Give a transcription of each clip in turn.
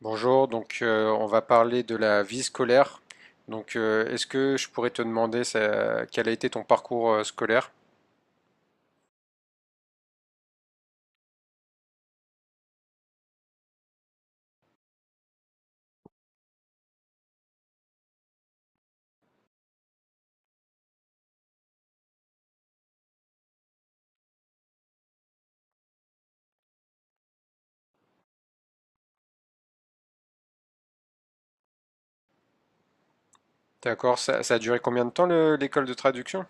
Bonjour, on va parler de la vie scolaire. Est-ce que je pourrais te demander quel a été ton parcours scolaire? D'accord, ça a duré combien de temps l'école de traduction?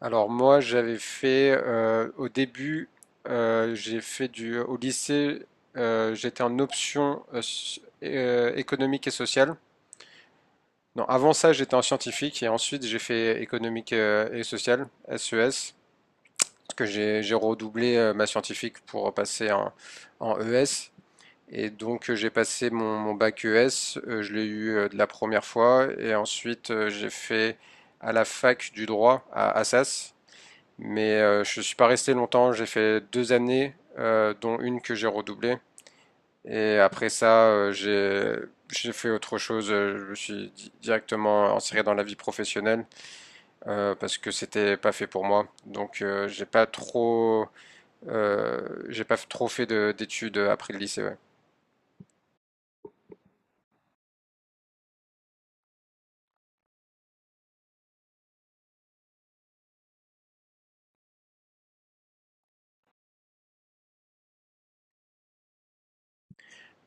Alors moi j'avais fait au début j'ai fait du au lycée j'étais en option économique et sociale. Non, avant ça j'étais en scientifique et ensuite j'ai fait économique et sociale, SES. Que j'ai redoublé ma scientifique pour passer en ES. Et donc j'ai passé mon bac ES, je l'ai eu de la première fois, et ensuite j'ai fait à la fac du droit à Assas, mais je ne suis pas resté longtemps, j'ai fait deux années, dont une que j'ai redoublée, et après ça j'ai fait autre chose, je me suis directement inséré dans la vie professionnelle parce que c'était pas fait pour moi, donc j'ai pas trop fait d'études après le lycée, ouais.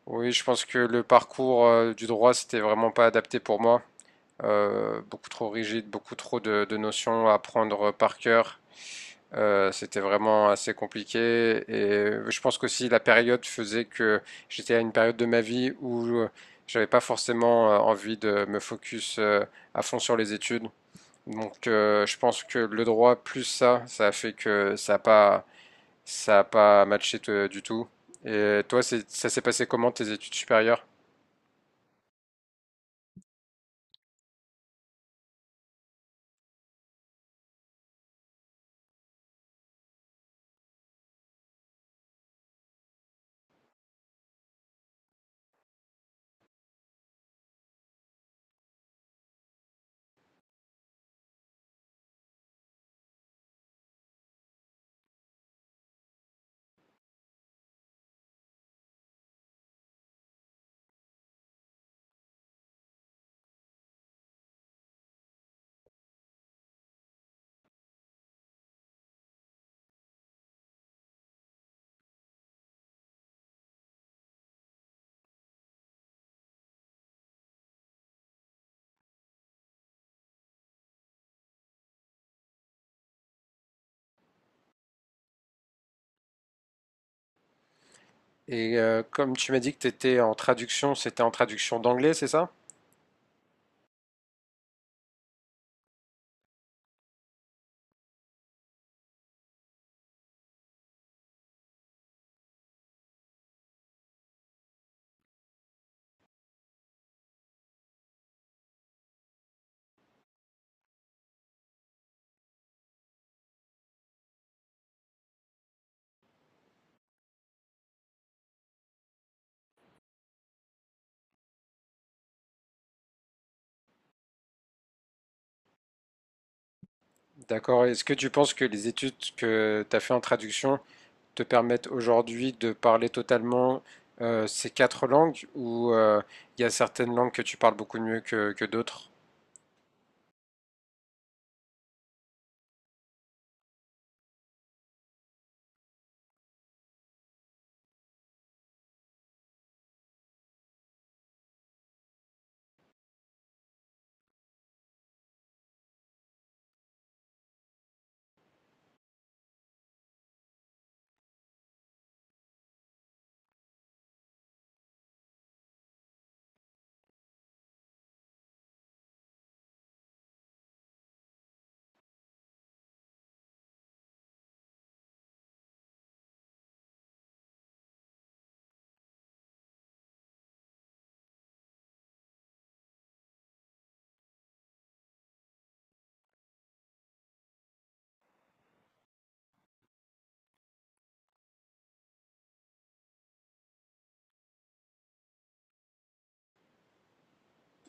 Oui, je pense que le parcours du droit, c'était vraiment pas adapté pour moi. Beaucoup trop rigide, beaucoup trop de notions à apprendre par cœur. C'était vraiment assez compliqué. Et je pense qu'aussi la période faisait que j'étais à une période de ma vie où j'avais pas forcément envie de me focus à fond sur les études. Donc, je pense que le droit plus ça, ça a fait que ça a pas Ça a pas matché du tout. Et toi, ça s'est passé comment tes études supérieures? Et comme tu m'as dit que tu étais en traduction, c'était en traduction d'anglais, c'est ça? D'accord. Est-ce que tu penses que les études que tu as fait en traduction te permettent aujourd'hui de parler totalement ces quatre langues ou il y a certaines langues que tu parles beaucoup mieux que d'autres?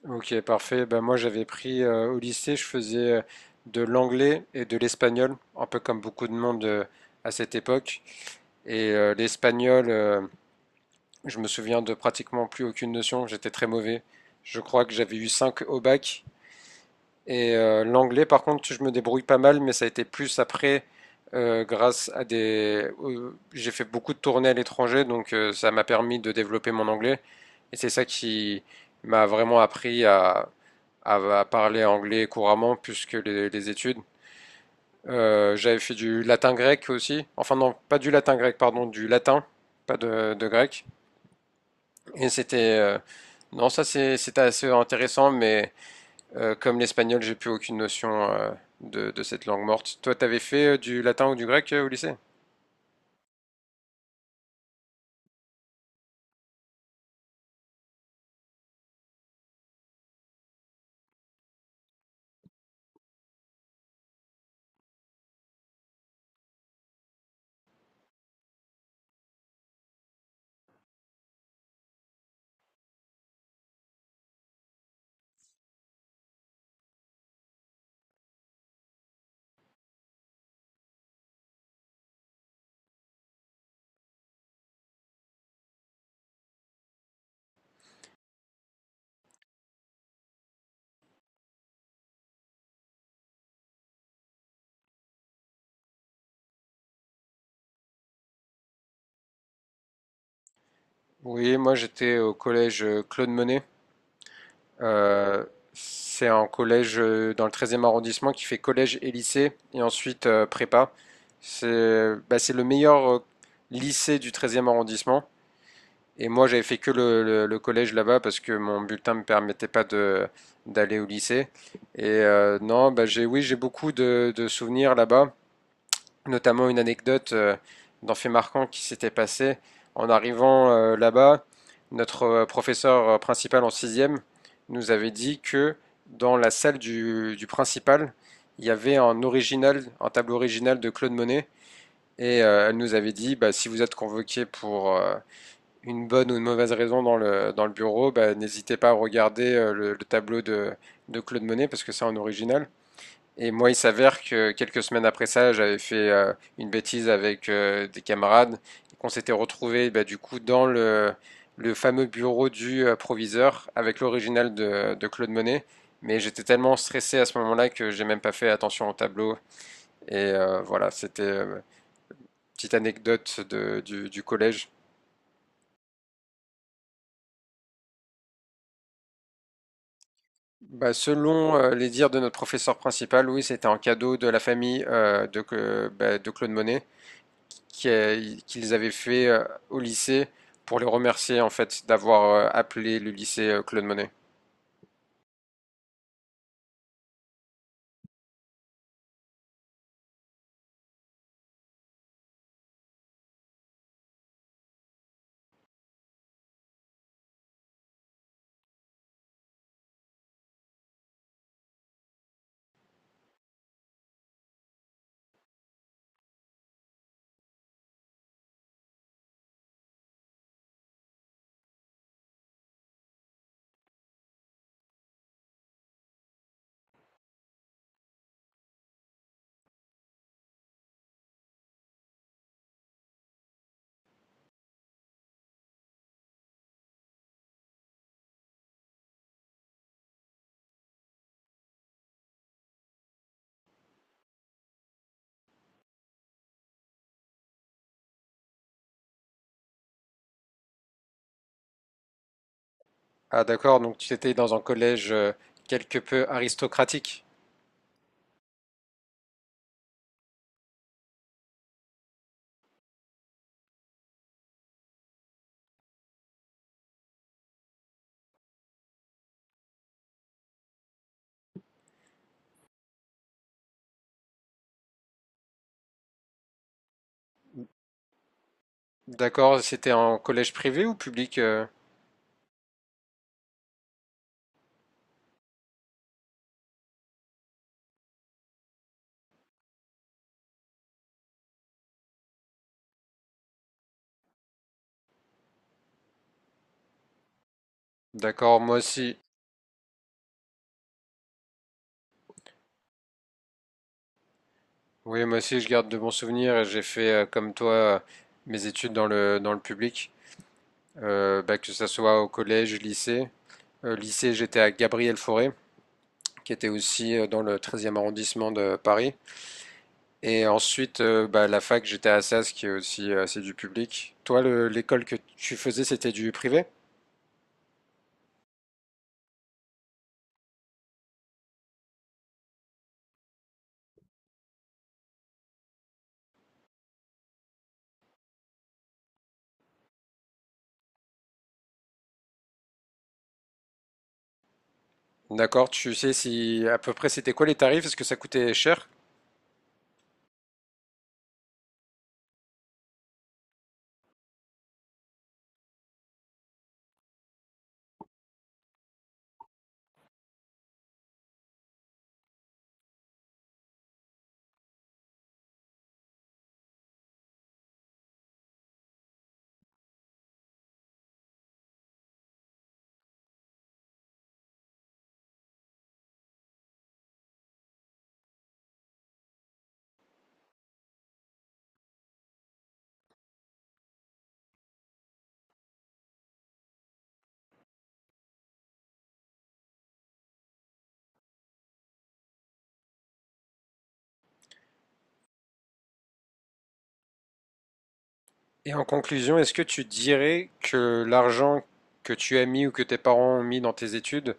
Ok, parfait. Ben, moi, j'avais pris au lycée, je faisais de l'anglais et de l'espagnol, un peu comme beaucoup de monde à cette époque. Et l'espagnol, je me souviens de pratiquement plus aucune notion, j'étais très mauvais. Je crois que j'avais eu 5 au bac. Et l'anglais, par contre, je me débrouille pas mal, mais ça a été plus après, grâce à j'ai fait beaucoup de tournées à l'étranger, donc ça m'a permis de développer mon anglais. Et c'est ça qui m'a vraiment appris à, à parler anglais couramment, plus que les études. J'avais fait du latin grec aussi. Enfin non, pas du latin grec, pardon, du latin, pas de grec. Et c'était... non, ça c'est- c'était assez intéressant, mais comme l'espagnol, j'ai plus aucune notion de cette langue morte. Toi, t'avais fait du latin ou du grec au lycée? Oui, moi j'étais au collège Claude Monet. Euh, c'est un collège dans le treizième arrondissement qui fait collège et lycée, et ensuite prépa. C'est bah, c'est le meilleur lycée du treizième arrondissement. Et moi, j'avais fait que le collège là-bas parce que mon bulletin me permettait pas de d'aller au lycée. Et non, bah j'ai oui, j'ai beaucoup de souvenirs là-bas, notamment une anecdote d'un fait marquant qui s'était passé en arrivant là-bas. Notre professeur principal en sixième nous avait dit que dans la salle du principal, il y avait un original, un tableau original de Claude Monet. Et elle nous avait dit, bah, si vous êtes convoqué pour une bonne ou une mauvaise raison dans le bureau, bah, n'hésitez pas à regarder le tableau de Claude Monet parce que c'est en original. Et moi, il s'avère que quelques semaines après ça, j'avais fait une bêtise avec des camarades qu'on s'était retrouvés bah, du coup dans le fameux bureau du proviseur avec l'original de Claude Monet. Mais j'étais tellement stressé à ce moment-là que j'ai même pas fait attention au tableau. Et voilà, c'était petite anecdote du collège. Bah, selon les dires de notre professeur principal, oui, c'était un cadeau de la famille bah, de Claude Monet qui, qu'ils avaient fait au lycée pour les remercier en fait d'avoir appelé le lycée Claude Monet. Ah d'accord, donc tu étais dans un collège quelque peu aristocratique. D'accord, c'était un collège privé ou public? D'accord, moi aussi. Oui, moi aussi je garde de bons souvenirs et j'ai fait comme toi mes études dans le public. Bah, que ce soit au collège, lycée. Lycée, j'étais à Gabriel Fauré, qui était aussi dans le treizième arrondissement de Paris. Et ensuite, bah, la fac, j'étais à Assas, qui est aussi c'est du public. Toi, l'école que tu faisais, c'était du privé? D'accord, tu sais si à peu près c'était quoi les tarifs? Est-ce que ça coûtait cher? Et en conclusion, est-ce que tu dirais que l'argent que tu as mis ou que tes parents ont mis dans tes études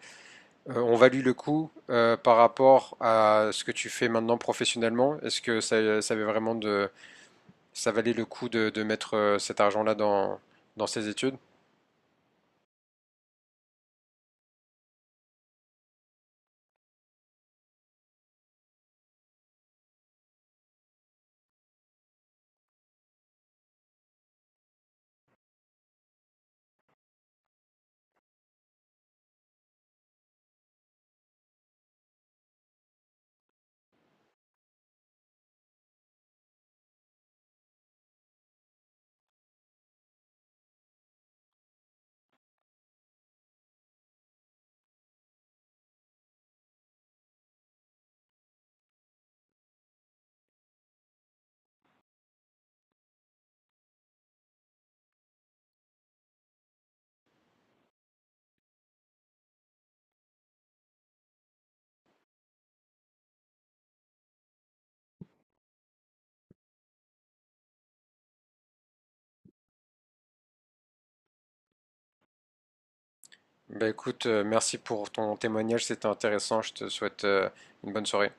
ont valu le coup par rapport à ce que tu fais maintenant professionnellement? Est-ce que ça valait le coup de mettre cet argent-là dans, dans ses études. Bah écoute, merci pour ton témoignage, c'était intéressant. Je te souhaite une bonne soirée.